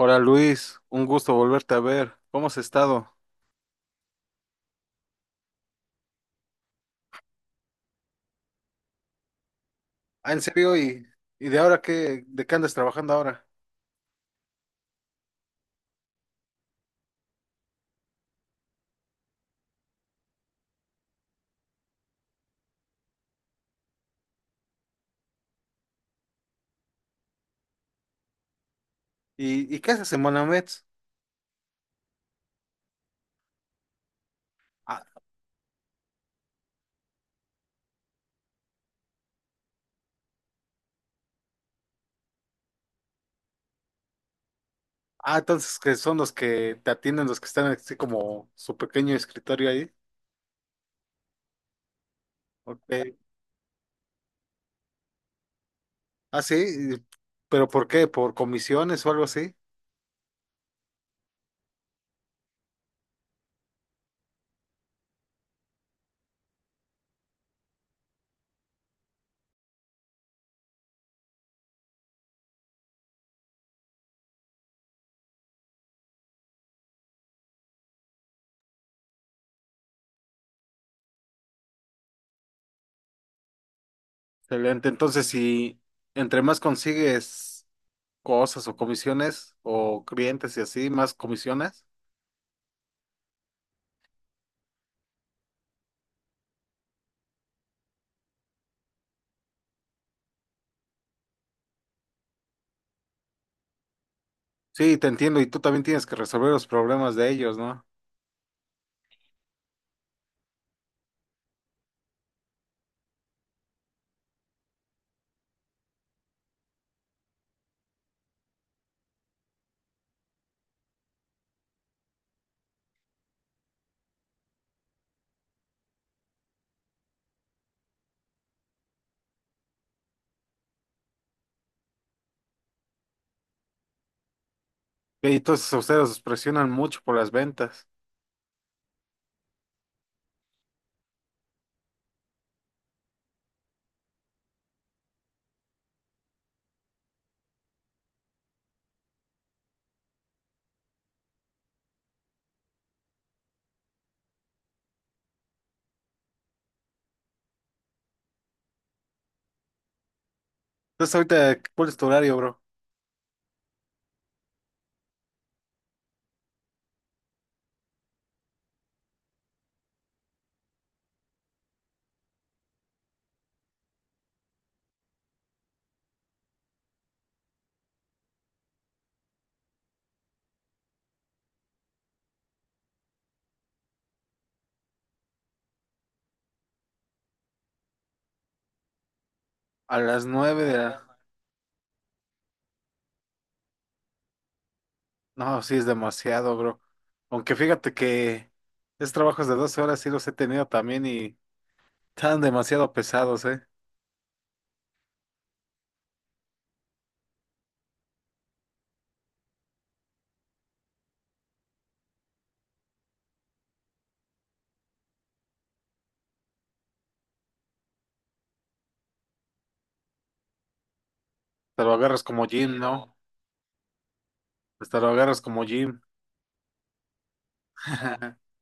Hola Luis, un gusto volverte a ver. ¿Cómo has estado? Ah, ¿en serio? ¿Y de ahora qué, ¿de qué andas trabajando ahora? Y qué haces en Monamets? Ah, ah, entonces que son los que te atienden, los que están así como su pequeño escritorio ahí. Ok. Ah, sí, y- pero ¿por qué? ¿Por comisiones o algo así? Excelente. Entonces, si entre más consigues cosas o comisiones o clientes y así, más comisiones. Sí, te entiendo. Y tú también tienes que resolver los problemas de ellos, ¿no? Y entonces ustedes os presionan mucho por las ventas. Entonces ahorita, ¿cuál es tu horario, bro? A las nueve de la... No, sí es demasiado, bro. Aunque fíjate que esos trabajos de 12 horas sí los he tenido también y están demasiado pesados, ¿eh? Te lo agarras como gym, ¿no? Pues te lo agarras como gym.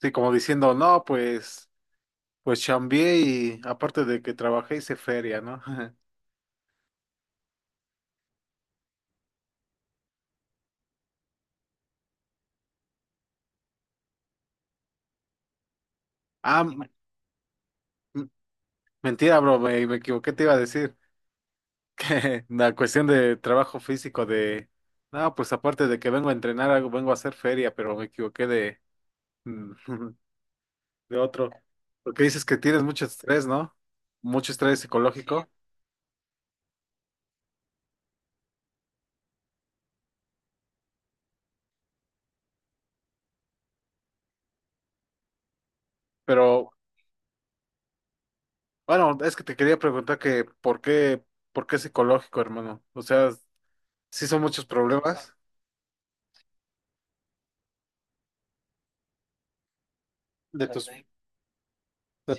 Sí, como diciendo, no, pues, pues chambié y aparte de que trabajé hice feria, ¿no? Ah, m- mentira, bro, me equivoqué, te iba a decir. La cuestión de trabajo físico de, no, pues aparte de que vengo a entrenar algo, vengo a hacer feria, pero me equivoqué de, de otro. Porque dices que tienes mucho estrés, ¿no? Mucho estrés psicológico, pero bueno, es que te quería preguntar que por qué psicológico, hermano. O sea, sí son muchos problemas de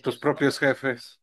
tus propios jefes.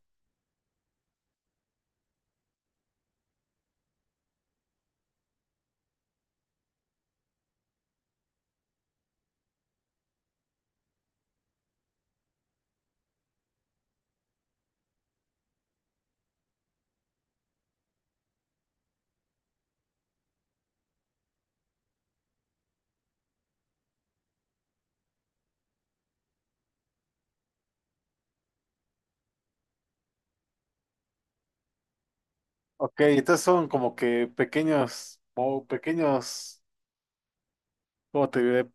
Ok, entonces son como que pequeños, o pequeños, ¿cómo te diré?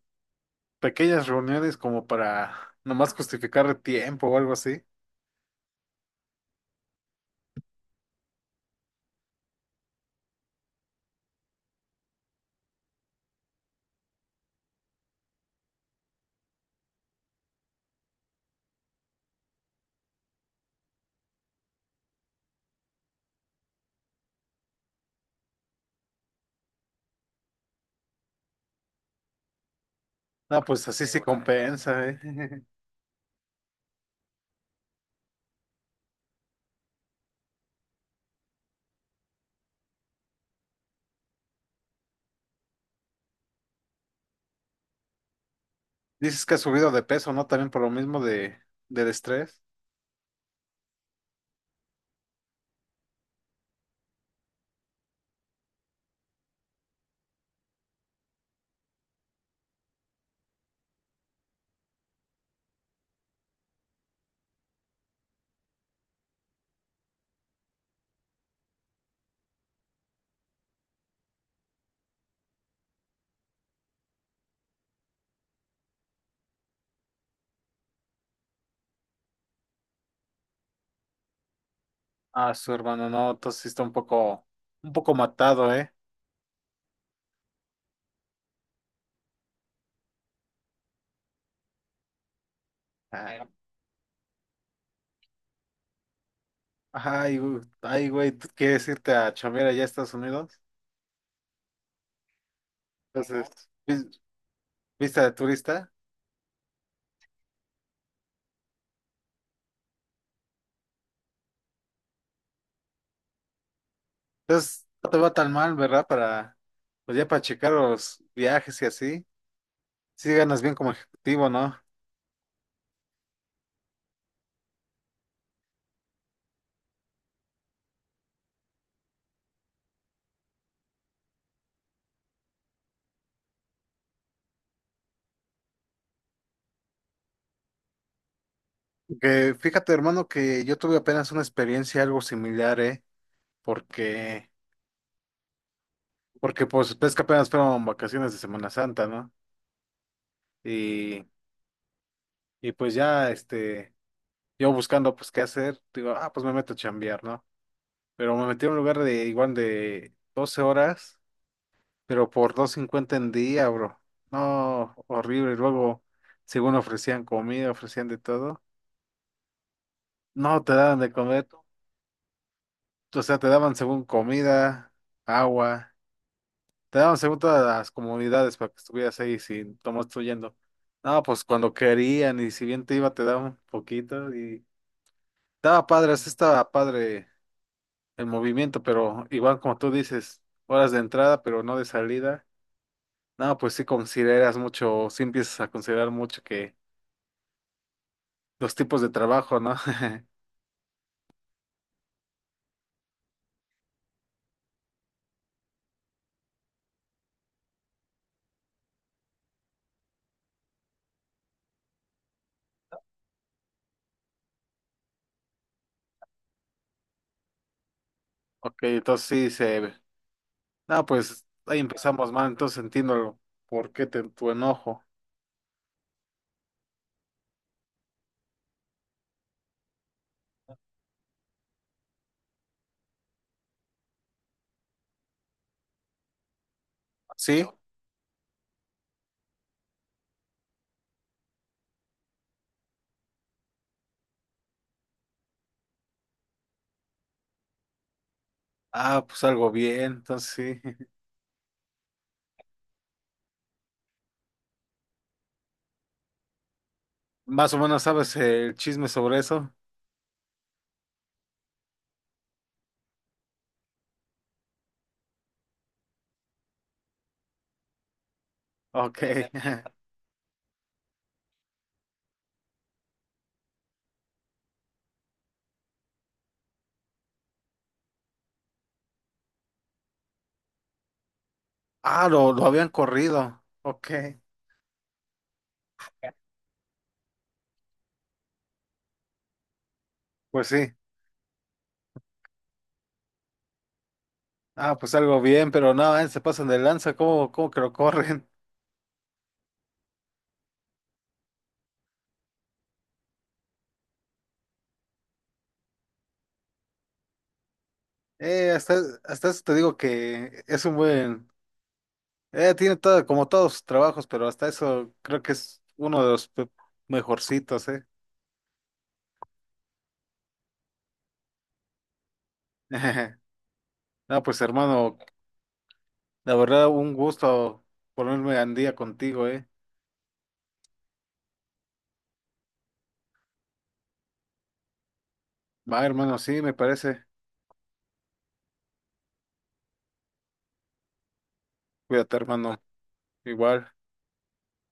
Pequeñas reuniones como para nomás justificar el tiempo o algo así. No, pues así sí compensa, ¿eh? Dices que has subido de peso, ¿no? También por lo mismo de, del estrés. Ah, su hermano, no, entonces sí está un poco matado, ¿eh? Ah, ay, güey, ay, güey, ¿tú quieres irte a chambear allá a Estados Unidos? Entonces, vista de turista. Entonces, no te va tan mal, ¿verdad? Para, pues ya para checar los viajes y así. Sí ganas bien como ejecutivo, ¿no? Que fíjate, hermano, que yo tuve apenas una experiencia algo similar, ¿eh? Porque, porque pues ves que apenas fueron vacaciones de Semana Santa, ¿no? Y, y pues ya, este, yo buscando pues qué hacer, digo, ah, pues me meto a chambear, ¿no? Pero me metí a un lugar de igual de 12 horas, pero por 250 en día, bro. No, horrible. Y luego, según ofrecían comida, ofrecían de todo. No, te daban de comer, o sea, te daban según comida, agua. Te daban según todas las comunidades para que estuvieras ahí sin tomar yendo. No, pues cuando querían y si bien te iba te daban un poquito y estaba padre, sí estaba padre el movimiento, pero igual como tú dices, horas de entrada pero no de salida. No, pues sí consideras mucho, sí empiezas a considerar mucho que los tipos de trabajo, ¿no? Ok, entonces sí se... No, pues ahí empezamos mal, entonces entiendo por qué tu enojo. ¿Sí? Ah, pues algo bien, entonces sí. Más o menos sabes el chisme sobre eso. Ok. Ah, lo habían corrido. Ok. Pues sí. Ah, pues algo bien, pero no, se pasan de lanza. ¿Cómo, cómo que lo corren? Hasta eso te digo que es un buen. Tiene todo, como todos sus trabajos, pero hasta eso creo que es uno de los mejorcitos, ¿eh? No, pues hermano, la verdad, un gusto ponerme al día contigo, ¿eh? Va, hermano, sí, me parece. Cuídate, hermano. Igual.